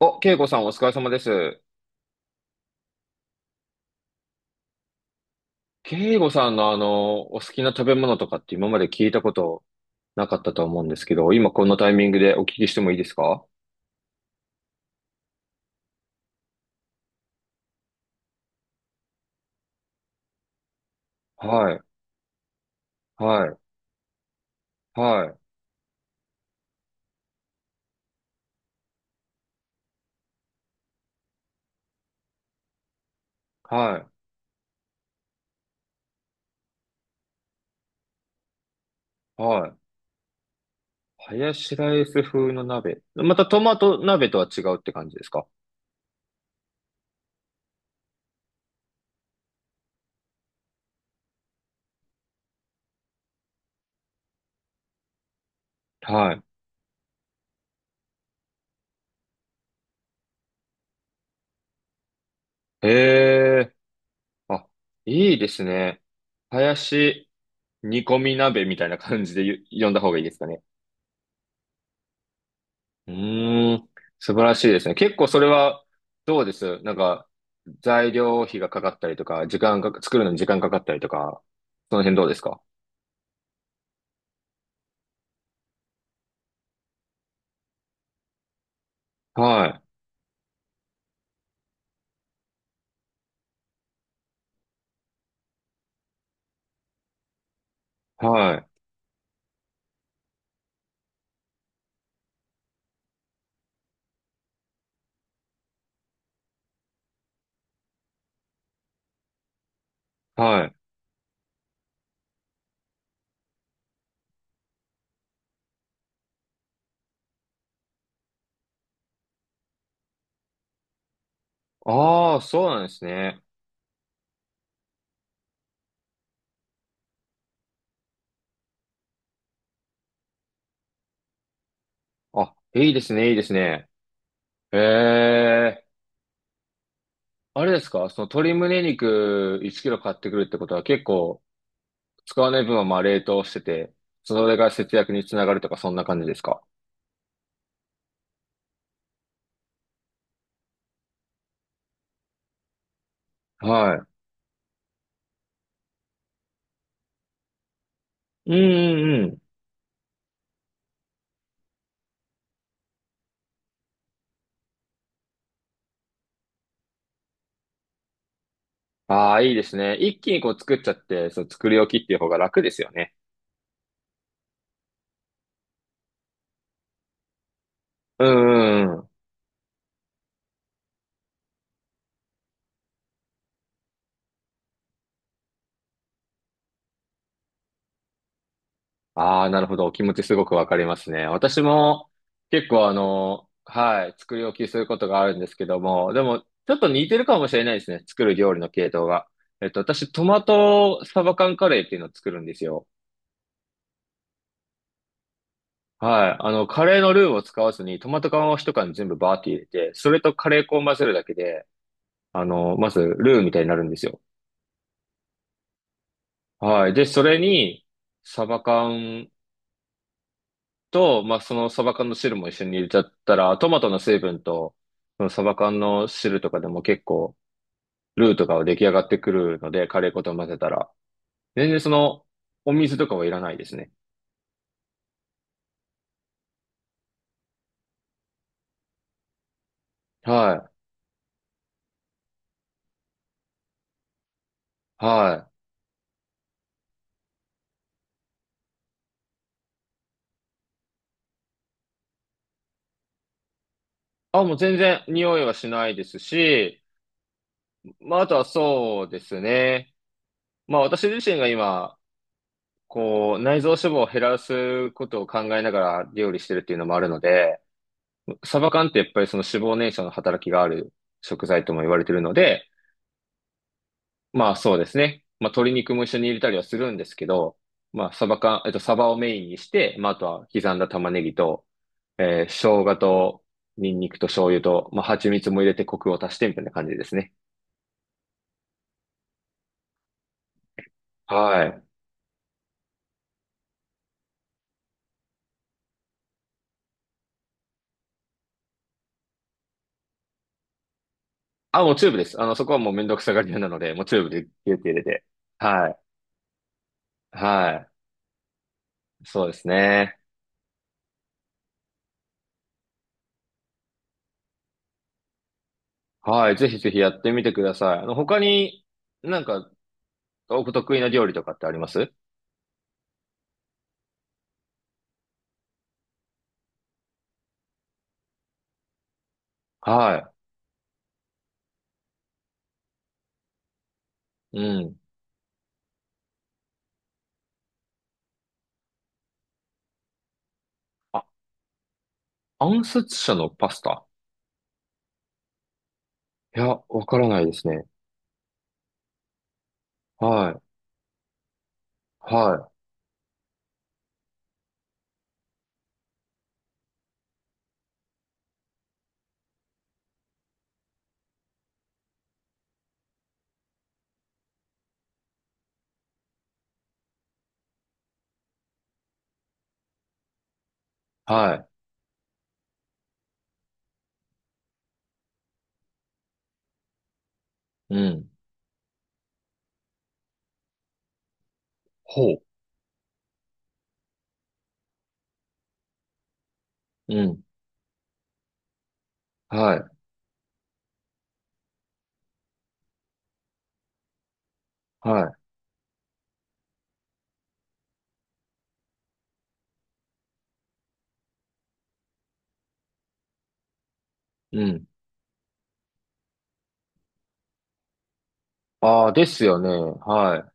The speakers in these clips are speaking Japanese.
お、慶吾さんお疲れ様です。慶吾さんのお好きな食べ物とかって今まで聞いたことなかったと思うんですけど、今このタイミングでお聞きしてもいいですか？はい、はい、はい、はい、はい。ハヤシライス風の鍋。またトマト鍋とは違うって感じですか？はい。へえ、あ、いいですね。ハヤシ煮込み鍋みたいな感じで呼んだ方がいいですかね。うーん、素晴らしいですね。結構それは、どうですなんか、材料費がかかったりとか、時間が、作るのに時間かかったりとか、その辺どうですか？はい、はい、はい。ああ、そうなんですね。あ、いいですね、いいですね。ええ、あれですかその鶏胸肉1キロ買ってくるってことは結構、使わない分はまあ冷凍してて、それが節約につながるとか、そんな感じですか？はい。うん、うん、ああ、いいですね。一気にこう作っちゃって、そう、作り置きっていう方が楽ですよね。うんうんうん。ああ、なるほど。お気持ちすごくわかりますね。私も結構はい、作り置きすることがあるんですけども、でも、ちょっと似てるかもしれないですね。作る料理の系統が。私、トマトサバ缶カレーっていうのを作るんですよ。はい。カレーのルーを使わずに、トマト缶を一缶全部バーって入れて、それとカレー粉を混ぜるだけで、まず、ルーみたいになるんですよ。はい。で、それに、サバ缶と、まあ、そのサバ缶の汁も一緒に入れちゃったら、トマトの成分と、そのサバ缶の汁とかでも結構、ルーとかは出来上がってくるので、カレー粉と混ぜたら。全然その、お水とかはいらないですね。はい。はい。あ、もう全然匂いはしないですし、まあ、あとはそうですね。まあ、私自身が今、こう、内臓脂肪を減らすことを考えながら料理してるっていうのもあるので、サバ缶ってやっぱりその脂肪燃焼の働きがある食材とも言われてるので、まあそうですね。まあ鶏肉も一緒に入れたりはするんですけど、まあサバ缶、サバをメインにして、まああとは刻んだ玉ねぎと、生姜とニンニクと醤油と、まあ蜂蜜も入れてコクを足してみたいな感じですね。はい。あ、もうチューブです。そこはもうめんどくさがり屋なので、もうチューブでギュッて入れて。はい。はい。そうですね。はい。ぜひぜひやってみてください。他になんかお得意な料理とかってありますはい。うん。あ、暗殺者のパスタ？いや、わからないですね。はい。はい。はい。うん。ほう。うん。はい。はい。うん。ああ、ですよね。はい。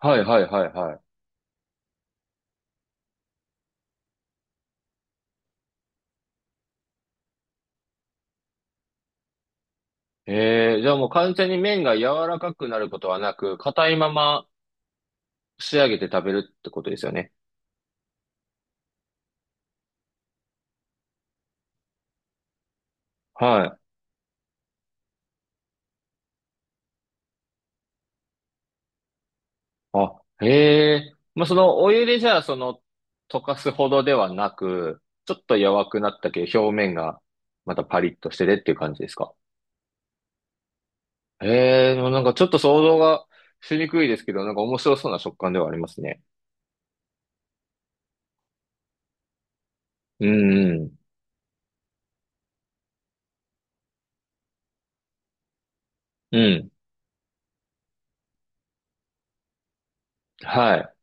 はい、はい、はい、はい。ええじゃあもう完全に麺が柔らかくなることはなく、硬いまま仕上げて食べるってことですよね。はい。あ、へえ。まあ、そのお湯でじゃあ、その、溶かすほどではなく、ちょっと弱くなったけど、表面がまたパリッとしててっていう感じですか？へえ、でもなんかちょっと想像がしにくいですけど、なんか面白そうな食感ではありますね。うん、うん、うん。はい。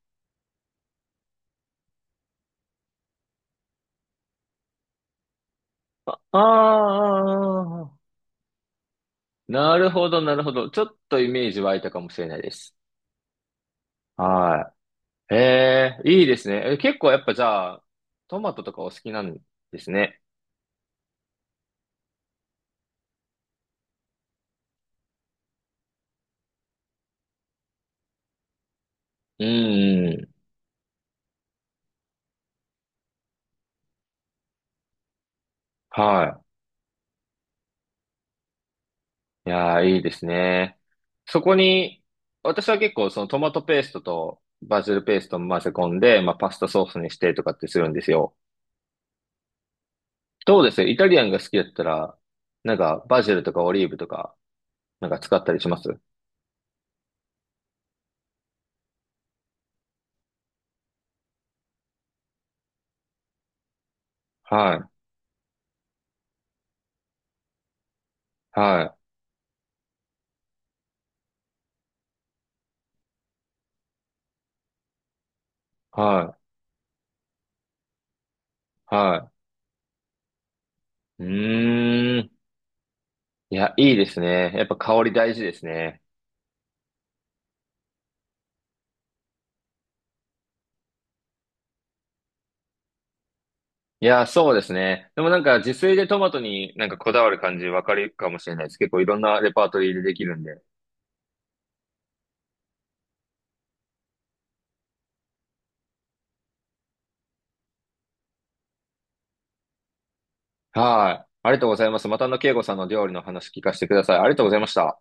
ああ、なるほど、なるほど。ちょっとイメージ湧いたかもしれないです。はい。へえ、いいですね。え、結構やっぱじゃあ、トマトとかお好きなんですね。うん、はい。いやー、いいですね。そこに、私は結構そのトマトペーストとバジルペーストを混ぜ込んで、まあパスタソースにしてとかってするんですよ。どうですイタリアンが好きだったら、なんかバジルとかオリーブとか、なんか使ったりしますはい。はい。はい。はい。うーん。いや、いいですね。やっぱ香り大事ですね。いや、そうですね。でもなんか自炊でトマトになんかこだわる感じわかるかもしれないです。結構いろんなレパートリーでできるんで。はい。ありがとうございます。また慶吾さんの料理の話聞かせてください。ありがとうございました。